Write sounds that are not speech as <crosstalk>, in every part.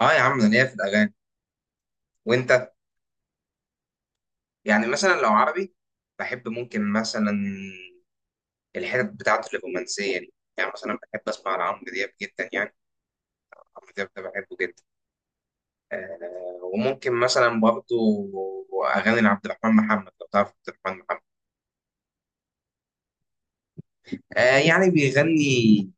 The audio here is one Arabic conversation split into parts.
اه يا عم انا ليا في الاغاني. وانت؟ يعني مثلا لو عربي بحب ممكن مثلا الحتت بتاعته الرومانسيه دي. يعني مثلا بحب اسمع لعمرو دياب جدا يعني. عمرو دياب ده بحبه جدا. آه وممكن مثلا برضه اغاني لعبد الرحمن محمد، لو تعرف عبد الرحمن محمد. آه يعني بيغني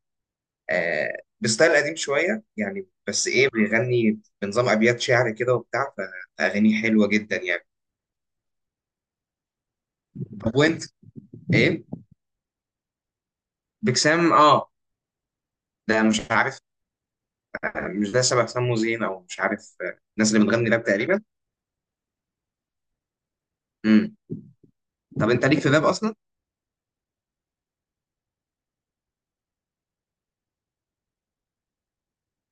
آه بستايل قديم شويه يعني، بس ايه، بيغني بنظام ابيات شعر كده وبتاع، فاغانيه حلوه جدا يعني. طب وانت؟ ايه؟ بكسام، اه. ده مش عارف، يعني مش ده شبه سمو زين او مش عارف. آه، الناس اللي بتغني راب تقريبا. امم. طب انت ليك في الراب اصلا؟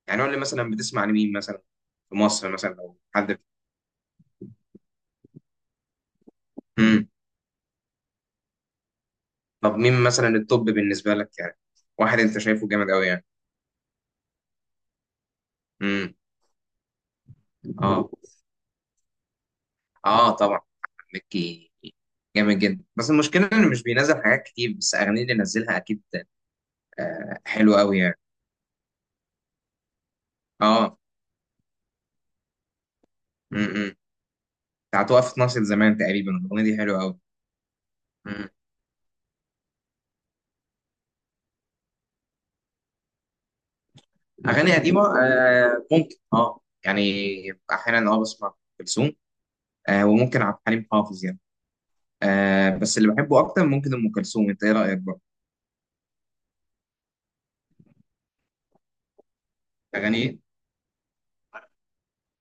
يعني قول لي مثلا بتسمع لمين مثلا، في مصر مثلا لو حد. امم. طب مين مثلا التوب بالنسبه لك يعني، واحد انت شايفه جامد قوي يعني؟ امم. اه، اه طبعا أحمد مكي جامد جدا، بس المشكله انه مش بينزل حاجات كتير، بس اغانيه اللي نزلها اكيد آه حلوه قوي يعني. اه. امم. بتاعت وقفت ناصية زمان تقريبا، الاغنيه دي حلوه قوي. اغاني قديمه آه ممكن اه يعني، احيانا اه بسمع ام كلثوم، آه وممكن عبد الحليم حافظ يعني. آه بس اللي بحبه اكتر ممكن ام كلثوم. انت ايه رايك بقى؟ اغاني ايه؟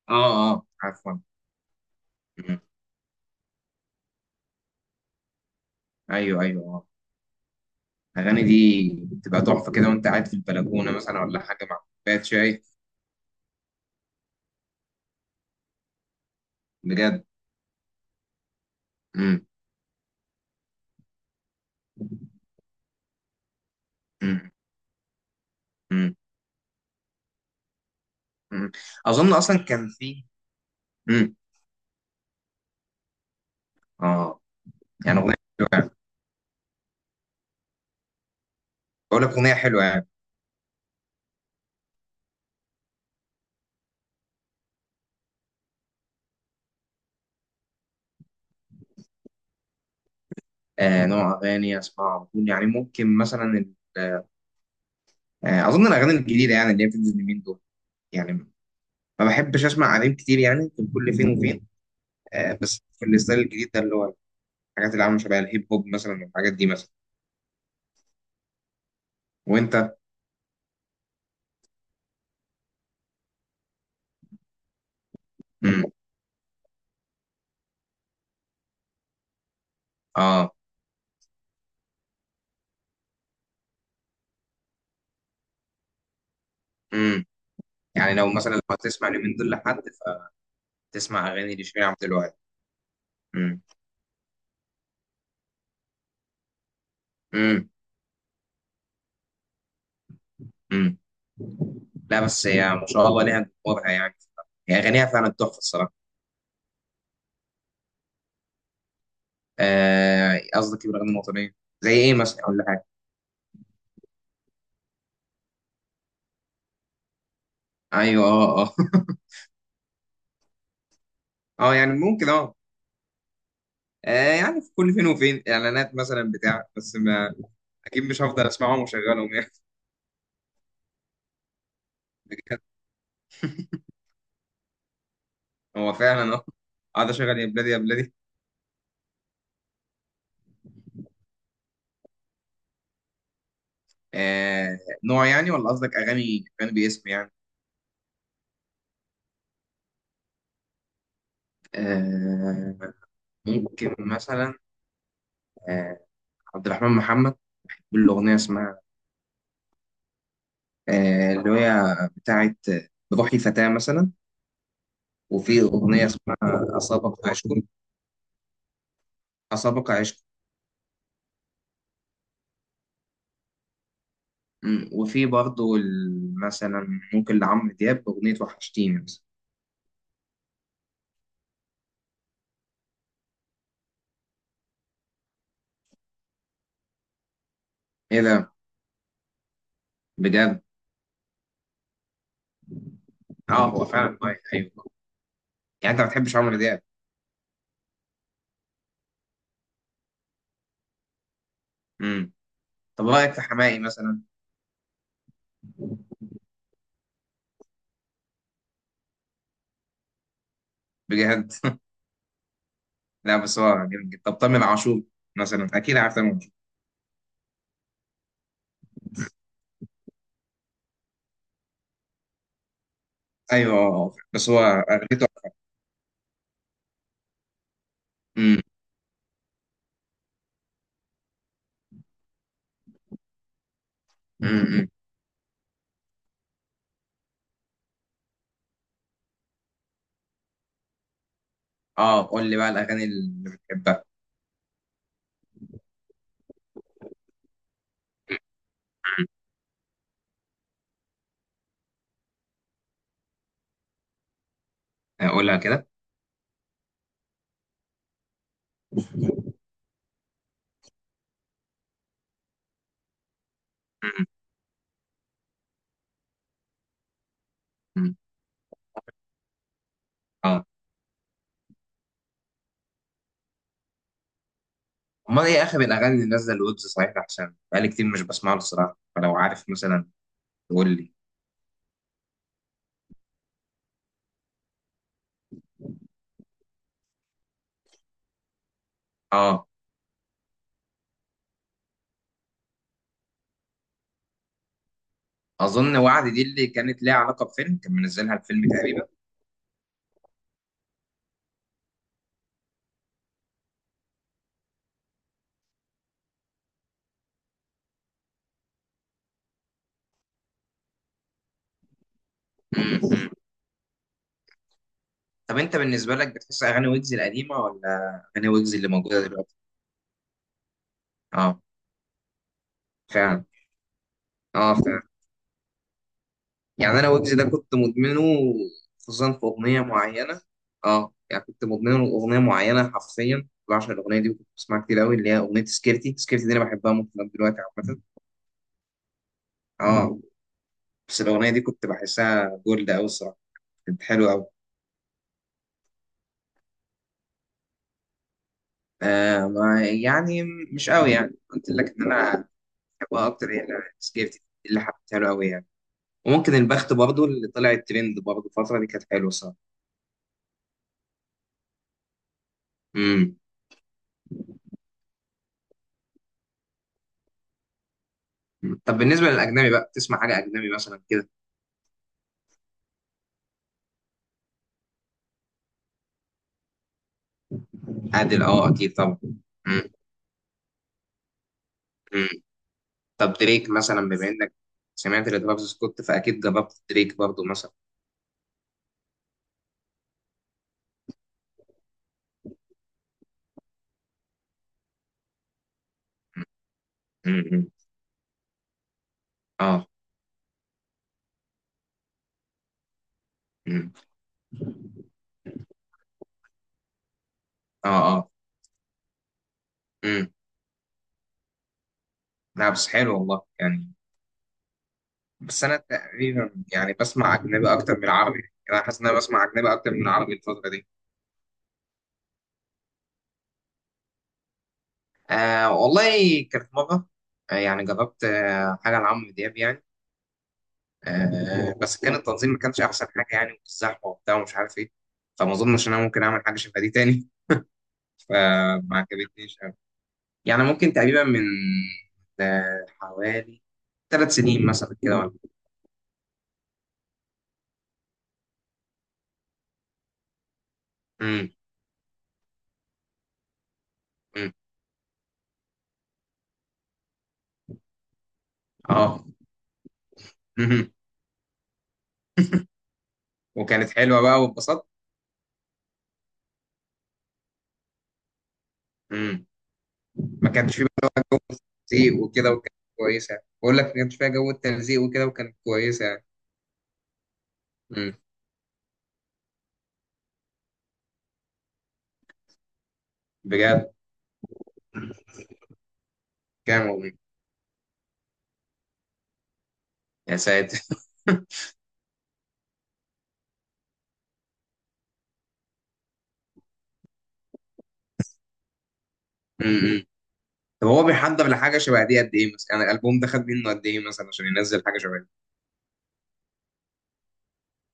اه اه، عفوا. مم. ايوه ايوه اه. الاغاني دي بتبقى تحفه كده وانت قاعد في البلكونه مثلا، ولا حاجه مع كوبايه شاي. بجد؟ مم. مم. مم. مم. اظن اصلا كان في. مم. اه يعني اغنيه حلوه يعني. بقول لك اغنيه حلوه يعني. آه نوع اغاني اسمعها على طول يعني، ممكن مثلا آه، اظن الاغاني الجديده يعني اللي هي بتنزل اليومين دول. يعني ما بحبش اسمع قديم كتير يعني، في كل فين وفين. آه، بس في الستايل الجديد ده اللي هو الحاجات اللي عامله شبه الهيب هوب مثلا، والحاجات دي مثلا. وانت؟ امم. اه. امم. يعني لو مثلا لو هتسمع اليومين دول لحد، فتسمع اغاني لشيرين عبد الوهاب. امم. امم. امم. لا بس هي ما شاء الله ليها جمهورها يعني، هي اغانيها فعلا تحفه الصراحه. آه، قصدك الاغاني الوطنيه؟ زي ايه مثلا؟ اقول لك حاجه. ايوه اه اه. <laughs> اه يعني ممكن اه. آه يعني في كل فين وفين اعلانات مثلا بتاع، بس ما، اكيد مش هفضل اسمعهم واشغلهم يعني. <laughs> بجد؟ هو فعلا اه، قاعد اشغل يا بلادي يا بلادي. آه نوع يعني، ولا قصدك اغاني اغاني باسم يعني؟ آه ممكن مثلا آه، عبد الرحمن محمد بالاغنيه اسمها آه، اللي هي بتاعت بروحي فتاه مثلا. وفي اغنيه اسمها اسابق عشق. اسابق عشق. مم، وفي برضه مثلا ممكن لعمرو دياب اغنيه وحشتيني مثلا. ايه ده؟ بجد؟ اه هو فعلا مايك، ايوه. يعني انت ما بتحبش عمرو دياب؟ امم. طب رايك في حماقي مثلا؟ بجد؟ لا بس هو جامد جدا. طب تامر عاشور مثلا، اكيد عارف تامر عاشور. ايوه آه، بس هو اغنيته. امم. امم. أمم. اه قول لي بقى الاغاني اللي بتحبها. آه، قولها كده. امم. أمم. اه. امال ايه اخر الاغاني اللي نازله الويبز صحيح؟ عشان بقالي كتير مش بسمع له الصراحه، فلو عارف مثلا قول لي. اه. اظن وعد دي اللي كانت ليها علاقه بفيلم، كان منزلها الفيلم تقريبا. طب انت بالنسبه لك بتحس اغاني ويجز القديمه، ولا اغاني ويجز اللي موجوده دلوقتي؟ اه فعلا. اه فعلا. يعني انا ويجز ده كنت مدمنه، خصوصا في اغنيه معينه. اه يعني كنت مدمنه اغنيه معينه، حرفيا بعشق الاغنيه دي وكنت بسمعها كتير قوي، اللي هي اغنيه سكيرتي. سكيرتي دي انا بحبها ممكن لغاية دلوقتي عامه. اه. بس الاغنيه دي كنت بحسها جولد قوي الصراحه. كانت حلوه قوي. آه ما يعني مش قوي يعني، قلت لك ان انا بحبها اكتر هي سكيرتي، اللي حبيتها له قوي يعني. وممكن البخت برضو اللي طلع الترند برضو الفترة دي، كانت حلوة صراحة. امم. طب بالنسبة للأجنبي بقى، تسمع حاجة أجنبي مثلا كده؟ عادل أه أكيد طبعا. امم. أمم. طب دريك مثلا، بما إنك سمعت لترافيس سكوت، فأكيد جربت دريك برضو مثلا. امم. أمم. أه. أمم. أه. أه. أمم. لا بس حلو والله يعني. بس أنا تقريبا يعني بسمع أجنبي أكتر من العربي، يعني أنا حاسس إن أنا بسمع أجنبي أكتر من العربي الفترة دي. آه والله كانت مرة آه، يعني جربت آه، حاجة لعمرو دياب يعني. آه بس كان التنظيم ما كانش احسن حاجه يعني، والزحمه وبتاع ومش عارف ايه، فما اظنش ان انا ممكن اعمل حاجه شبه دي تاني. <laughs> فما عجبتنيش قوي. يعني ممكن تقريبا من آه، حوالي 3 سنين مثلا كده ولا. امم. امم. اه. مم. وكانت حلوه بقى واتبسطت. امم. ما كانش فيه بقى تلزيق وكده، وكانت كويسه. بقول لك ما كانش فيها جو التلزيق وكده، وكانت كويسه. امم. بجد؟ كام والله. يا ساتر. <laughs> طب هو بيحضر لحاجه شبه دي قد ايه مثلا يعني؟ الالبوم ده خد منه قد ايه مثلا عشان ينزل حاجه شبه دي؟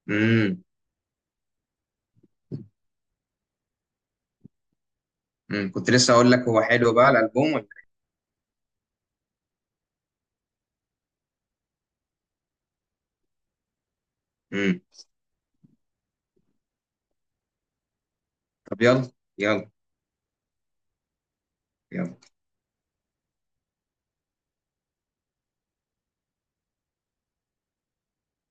امم. أمم. كنت لسه اقول لك، هو حلو بقى الالبوم ولا؟ امم. طب يلا. يلا. يلا.